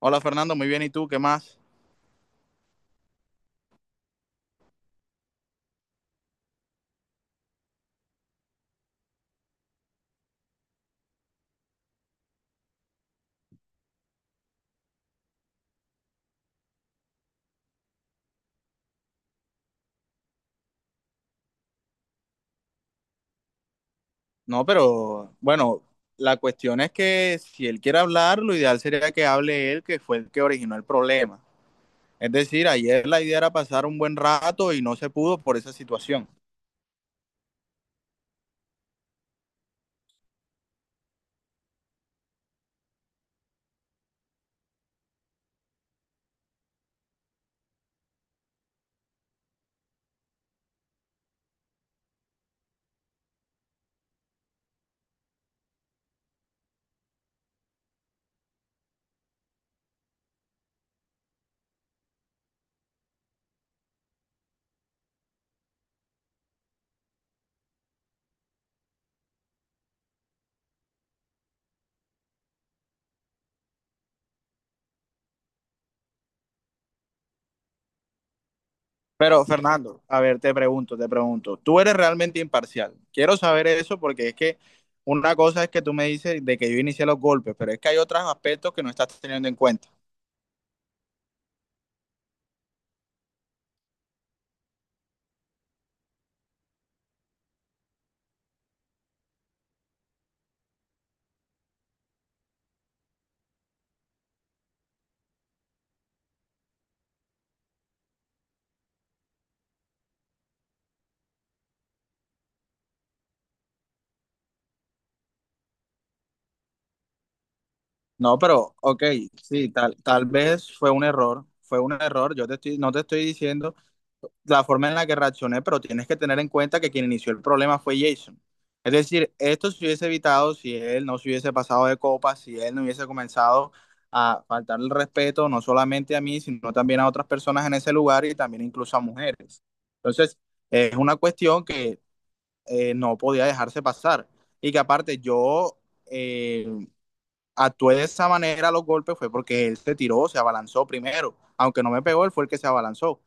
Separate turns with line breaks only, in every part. Hola Fernando, muy bien. ¿Y tú qué más? No, pero bueno, la cuestión es que si él quiere hablar, lo ideal sería que hable él, que fue el que originó el problema. Es decir, ayer la idea era pasar un buen rato y no se pudo por esa situación. Pero Fernando, a ver, te pregunto, tú eres realmente imparcial. Quiero saber eso porque es que una cosa es que tú me dices de que yo inicié los golpes, pero es que hay otros aspectos que no estás teniendo en cuenta. No, pero, ok, sí, tal vez fue un error, no te estoy diciendo la forma en la que reaccioné, pero tienes que tener en cuenta que quien inició el problema fue Jason. Es decir, esto se hubiese evitado si él no se hubiese pasado de copa, si él no hubiese comenzado a faltar el respeto, no solamente a mí, sino también a otras personas en ese lugar y también incluso a mujeres. Entonces, es una cuestión que no podía dejarse pasar y que aparte eh, actué de esa manera. Los golpes fue porque él se tiró, se abalanzó primero. Aunque no me pegó, él fue el que se abalanzó.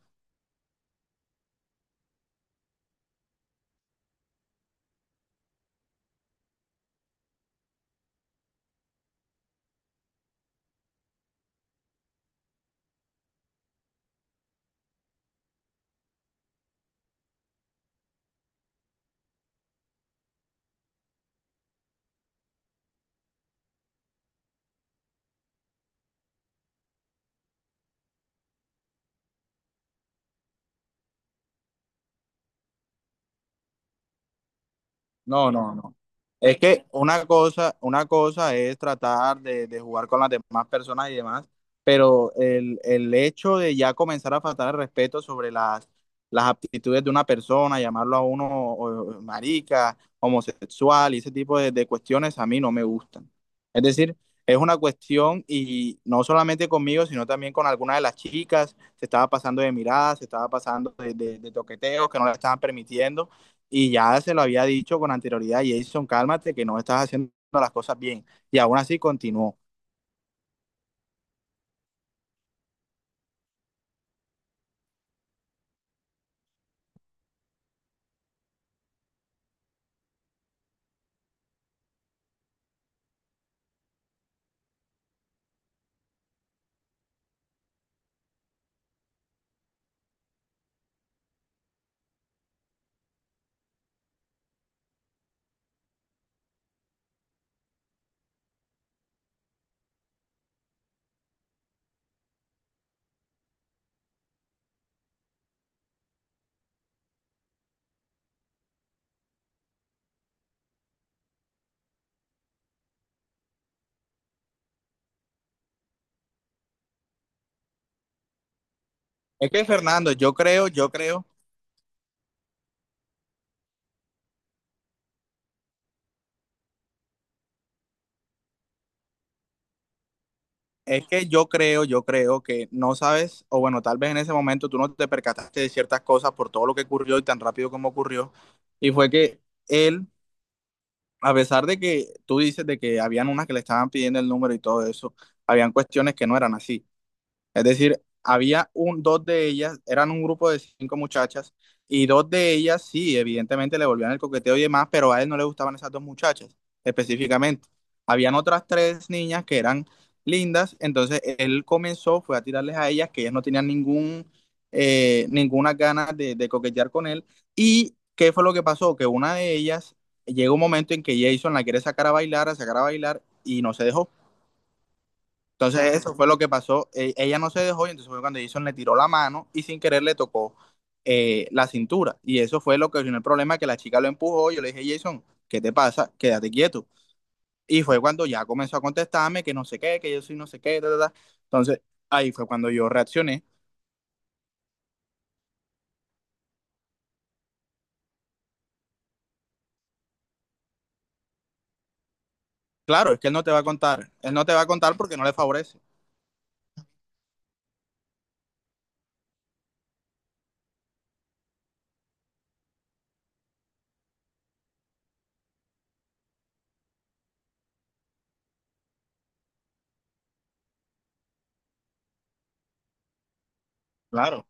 No, no, no. Es que una cosa es tratar de, jugar con las demás personas y demás, pero el hecho de ya comenzar a faltar el respeto sobre las aptitudes de una persona, llamarlo a uno o marica, homosexual y ese tipo de cuestiones a mí no me gustan. Es decir, es una cuestión y no solamente conmigo, sino también con algunas de las chicas. Se estaba pasando de miradas, se estaba pasando de, de toqueteos que no le estaban permitiendo, y ya se lo había dicho con anterioridad: Jason, cálmate, que no estás haciendo las cosas bien. Y aún así continuó. Es que Fernando, es que yo creo que no sabes, o bueno, tal vez en ese momento tú no te percataste de ciertas cosas por todo lo que ocurrió y tan rápido como ocurrió. Y fue que él, a pesar de que tú dices de que habían unas que le estaban pidiendo el número y todo eso, habían cuestiones que no eran así. Es decir, había dos de ellas, eran un grupo de cinco muchachas, y dos de ellas sí, evidentemente le volvían el coqueteo y demás, pero a él no le gustaban esas dos muchachas específicamente. Habían otras tres niñas que eran lindas, entonces él comenzó, fue a tirarles a ellas, que ellas no tenían ninguna ganas de, coquetear con él. ¿Y qué fue lo que pasó? Que una de ellas, llega un momento en que Jason la quiere sacar a bailar, y no se dejó. Entonces eso fue lo que pasó. Ella no se dejó y entonces fue cuando Jason le tiró la mano y sin querer le tocó la cintura. Y eso fue lo que originó el problema, que la chica lo empujó. Yo le dije: Jason, ¿qué te pasa? Quédate quieto. Y fue cuando ya comenzó a contestarme que no sé qué, que yo soy no sé qué, ta, ta, ta. Entonces ahí fue cuando yo reaccioné. Claro, es que él no te va a contar. Él no te va a contar porque no le favorece. Claro.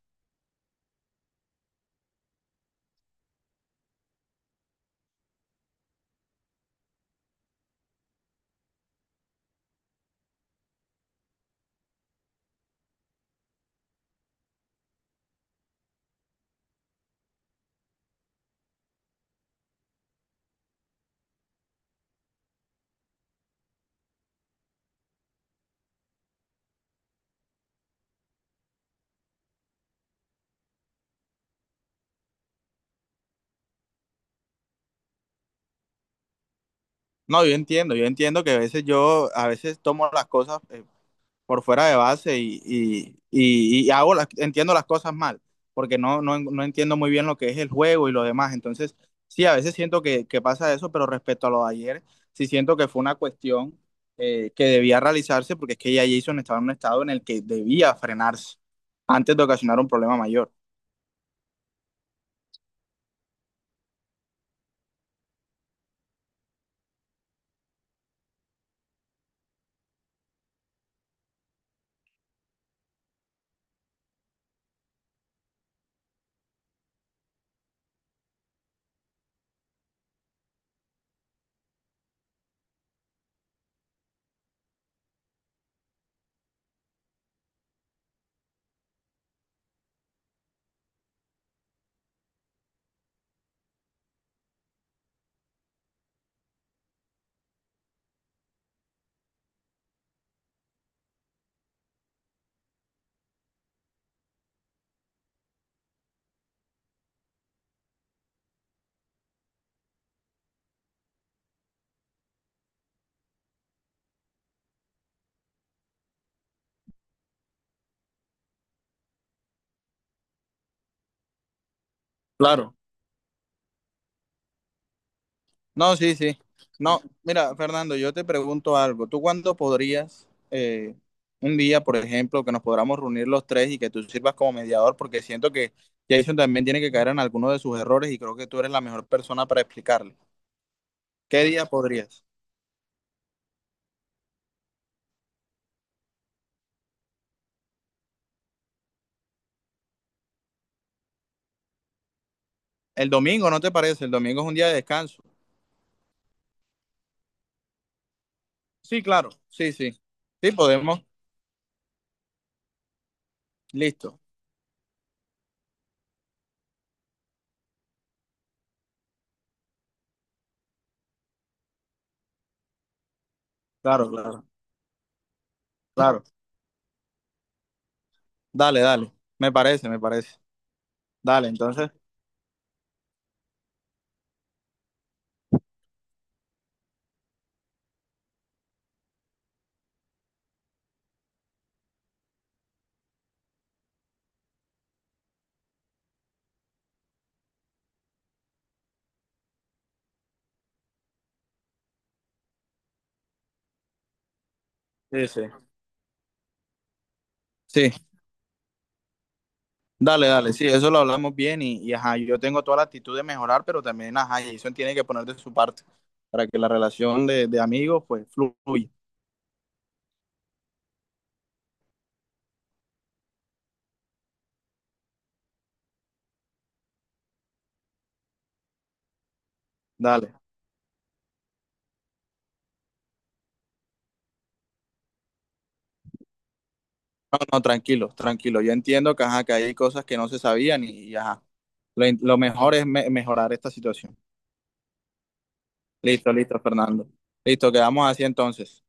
No, yo entiendo, que a veces a veces tomo las cosas por fuera de base y, entiendo las cosas mal, porque no entiendo muy bien lo que es el juego y lo demás. Entonces, sí, a veces siento que pasa eso, pero respecto a lo de ayer, sí siento que fue una cuestión que debía realizarse, porque es que ya Jason estaba en un estado en el que debía frenarse antes de ocasionar un problema mayor. Claro. No, sí, sí. No, mira, Fernando, yo te pregunto algo. ¿Tú cuándo podrías, un día, por ejemplo, que nos podamos reunir los tres y que tú sirvas como mediador? Porque siento que Jason también tiene que caer en alguno de sus errores y creo que tú eres la mejor persona para explicarle. ¿Qué día podrías? El domingo, ¿no te parece? El domingo es un día de descanso. Sí, claro. Sí, sí. Sí, podemos. Listo. Claro, claro, claro. Dale, dale. Me parece, me parece. Dale, entonces. Sí, sí. Sí. Dale, dale, sí, eso lo hablamos bien y, ajá, yo tengo toda la actitud de mejorar, pero también ajá, Jason tiene que poner de su parte para que la relación de, amigos pues fluya. Dale, no, no, tranquilo, tranquilo. Yo entiendo que ajá, que hay cosas que no se sabían y, ajá, lo mejor es mejorar esta situación. Listo, listo, Fernando. Listo, quedamos así entonces.